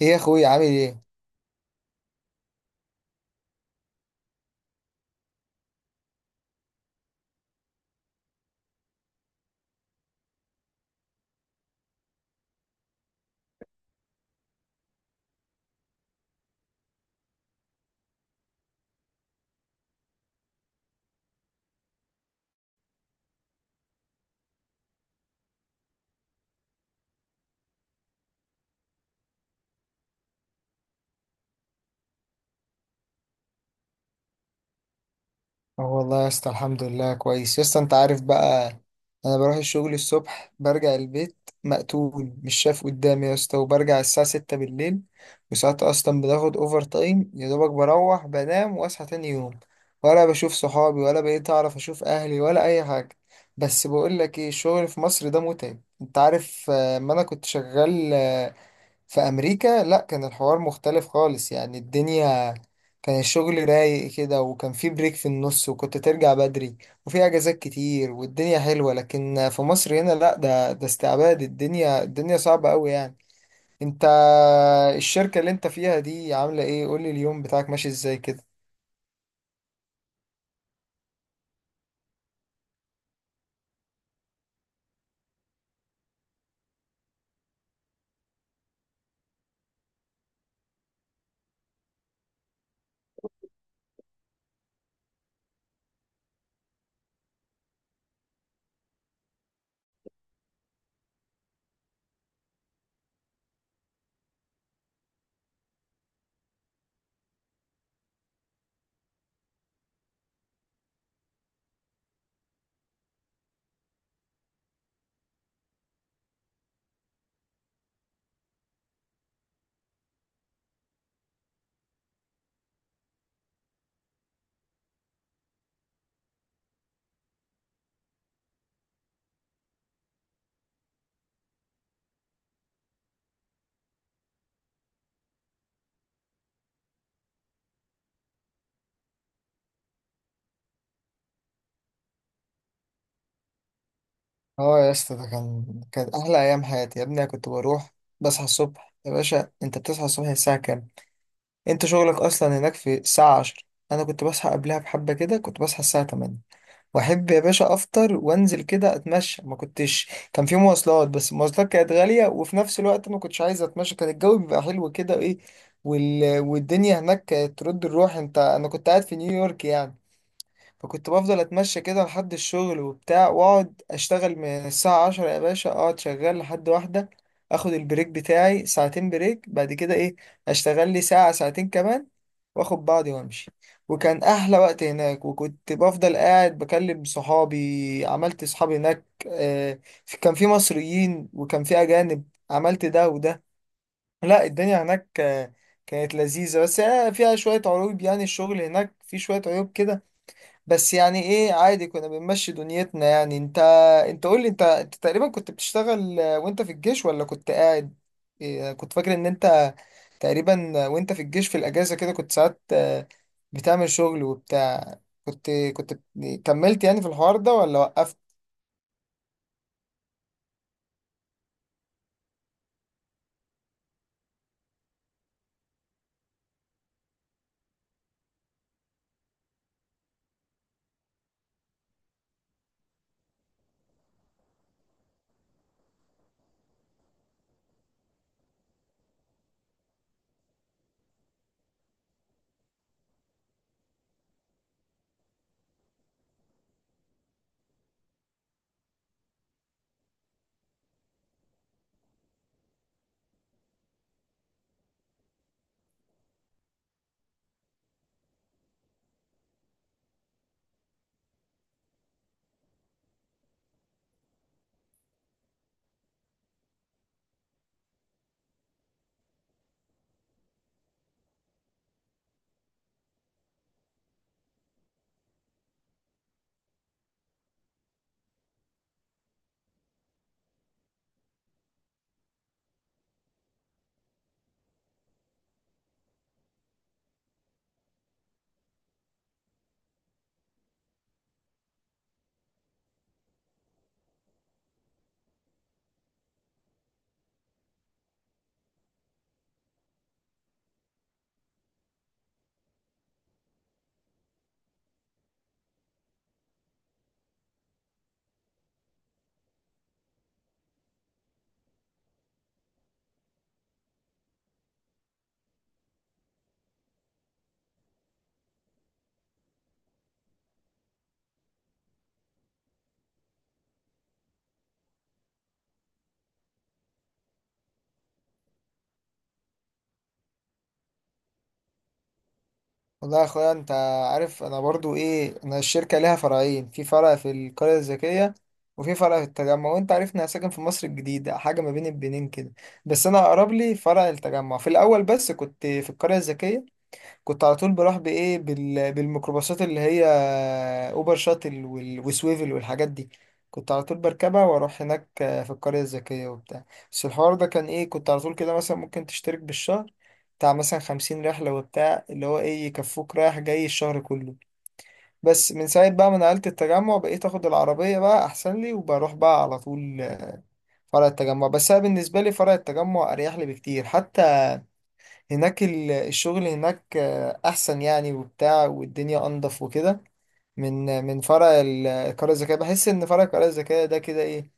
ايه يا اخوي، عامل ايه؟ اه والله يا اسطى، الحمد لله كويس يا اسطى. انت عارف بقى، انا بروح الشغل الصبح برجع البيت مقتول، مش شايف قدامي يا اسطى. وبرجع الساعة 6 بالليل، وساعات اصلا بناخد اوفر تايم. يا دوبك بروح بنام واصحى تاني يوم، ولا بشوف صحابي ولا بقيت اعرف اشوف اهلي ولا اي حاجة. بس بقول لك ايه، الشغل في مصر ده متعب، انت عارف. ما انا كنت شغال في امريكا. لا، كان الحوار مختلف خالص. يعني الدنيا كان الشغل رايق كده، وكان في بريك في النص، وكنت ترجع بدري، وفي اجازات كتير، والدنيا حلوة. لكن في مصر هنا لا، ده استعباد، الدنيا صعبة قوي يعني. انت، الشركة اللي انت فيها دي عاملة ايه؟ قولي، اليوم بتاعك ماشي ازاي كده؟ اه يا اسطى، ده كان احلى ايام حياتي يا ابني. أنا كنت بروح بصحى الصبح. يا باشا انت بتصحى الصبح الساعة كام؟ انت شغلك اصلا هناك في الساعة 10. انا كنت بصحى قبلها بحبة كده، كنت بصحى الساعة 8. واحب يا باشا افطر وانزل كده اتمشى. ما كنتش، كان في مواصلات بس المواصلات كانت غالية، وفي نفس الوقت ما كنتش عايز اتمشى. كان الجو بيبقى حلو كده ايه. والدنيا هناك كانت ترد الروح. انت، انا كنت قاعد في نيويورك يعني. فكنت بفضل اتمشى كده لحد الشغل وبتاع، واقعد اشتغل من الساعة 10 يا باشا، اقعد شغال لحد 1. اخد البريك بتاعي ساعتين بريك، بعد كده ايه، اشتغل لي ساعة ساعتين كمان، واخد بعضي وامشي. وكان احلى وقت هناك، وكنت بفضل قاعد بكلم صحابي. عملت صحابي هناك، كان في مصريين وكان في اجانب، عملت ده وده. لا، الدنيا هناك كانت لذيذة. بس هي فيها شوية عيوب يعني، الشغل هناك في شوية عيوب كده. بس يعني ايه عادي، كنا بنمشي دنيتنا يعني. انت قول لي، انت تقريبا كنت بتشتغل وانت في الجيش ولا كنت قاعد؟ إيه، كنت فاكر ان انت تقريبا وانت في الجيش في الاجازة كده كنت ساعات بتعمل شغل وبتاع. كنت كنت كملت يعني في الحوار ده ولا وقفت؟ والله يا اخويا، انت عارف، انا برضو ايه، انا الشركه ليها فرعين، في فرع في القريه الذكيه، وفي فرع في التجمع. وانت عارفني انا ساكن في مصر الجديده، حاجه ما بين البنين كده. بس انا اقرب لي فرع التجمع. في الاول بس كنت في القريه الذكيه، كنت على طول بروح بايه، بالميكروباصات اللي هي اوبر شاتل وسويفل والحاجات دي. كنت على طول بركبها واروح هناك في القرية الذكية وبتاع. بس الحوار ده كان ايه، كنت على طول كده مثلا ممكن تشترك بالشهر بتاع مثلا 50 رحلة وبتاع، اللي هو ايه يكفوك رايح جاي الشهر كله. بس من ساعة بقى ما نقلت التجمع، بقيت اخد العربية بقى احسن لي، وبروح بقى على طول فرع التجمع. بس انا بالنسبة لي فرع التجمع اريح لي بكتير. حتى هناك الشغل هناك احسن يعني وبتاع، والدنيا انضف وكده. من فرع القرية الذكية بحس ان فرع القرية الذكية ده كده ايه،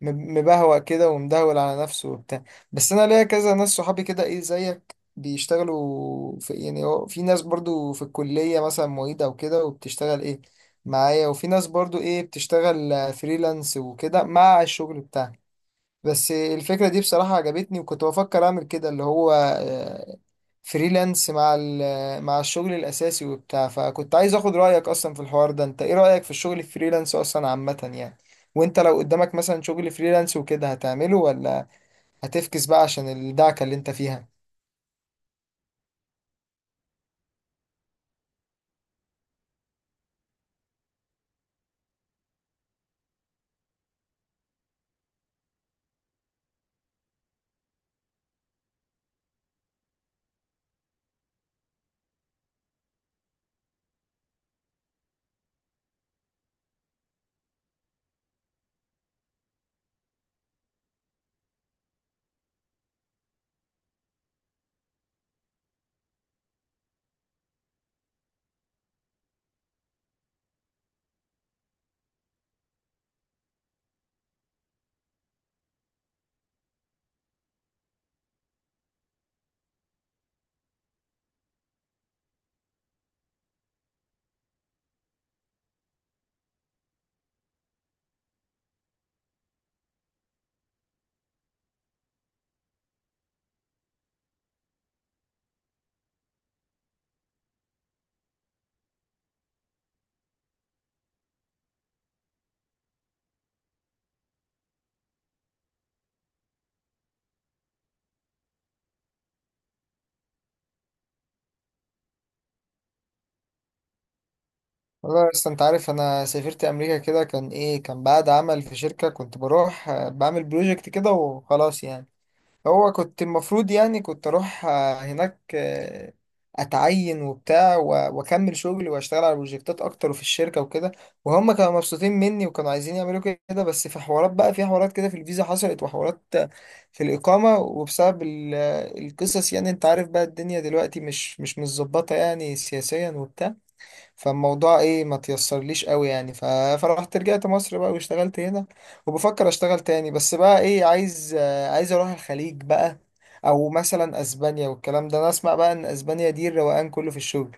مبهوأ كده ومدهول على نفسه وبتاع. بس انا ليا كذا ناس صحابي كده ايه زيك بيشتغلوا في، يعني هو في ناس برضو في الكلية مثلا معيدة او كده وبتشتغل ايه معايا، وفي ناس برضو ايه بتشتغل فريلانس وكده مع الشغل بتاعها. بس الفكرة دي بصراحة عجبتني، وكنت بفكر أعمل كده اللي هو فريلانس مع مع الشغل الأساسي وبتاع. فكنت عايز أخد رأيك أصلا في الحوار ده. أنت إيه رأيك في الشغل الفريلانس أصلا عامة يعني؟ وأنت لو قدامك مثلا شغل فريلانس وكده هتعمله، ولا هتفكس بقى عشان الدعكة اللي أنت فيها؟ والله أصلا أنت عارف، أنا سافرت أمريكا كده كان إيه، كان بعد عمل في شركة كنت بروح بعمل بروجكت كده وخلاص يعني. هو كنت المفروض يعني كنت اروح هناك اتعين وبتاع واكمل شغلي واشتغل على بروجكتات اكتر وفي الشركه وكده. وهم كانوا مبسوطين مني وكانوا عايزين يعملوا كده، بس في حوارات كده في الفيزا حصلت، وحوارات في الاقامه. وبسبب القصص يعني، انت عارف بقى الدنيا دلوقتي مش متظبطه يعني سياسيا وبتاع. فالموضوع ايه، ما تيسرليش قوي يعني. فرحت رجعت مصر بقى واشتغلت هنا. وبفكر اشتغل تاني، بس بقى ايه، عايز اروح الخليج بقى، او مثلا اسبانيا. والكلام ده، انا اسمع بقى ان اسبانيا دي الروقان كله في الشغل.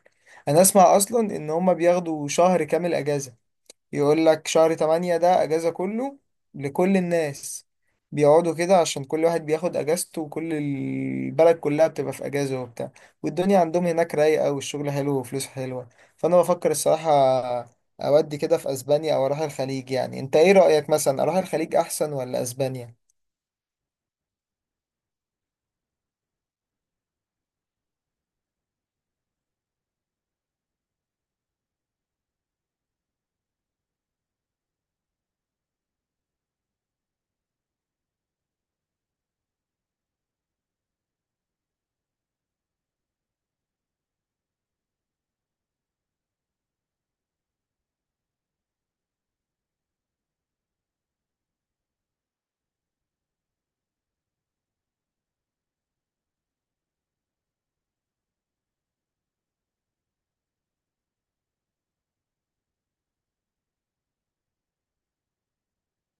انا اسمع اصلا ان هما بياخدوا شهر كامل اجازة، يقول لك شهر 8 ده أجازة كله لكل الناس، بيقعدوا كده عشان كل واحد بياخد أجازته، وكل البلد كلها بتبقى في أجازة وبتاع. والدنيا عندهم هناك رايقة، والشغل حلو وفلوس حلوة. فأنا بفكر الصراحة أودي كده في أسبانيا أو أروح الخليج يعني. أنت إيه رأيك، مثلا أروح الخليج أحسن ولا أسبانيا؟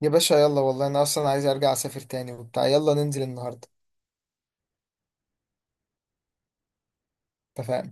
يا باشا يلا، والله أنا أصلا عايز أرجع أسافر تاني وبتاع. يلا ننزل النهاردة. اتفقنا.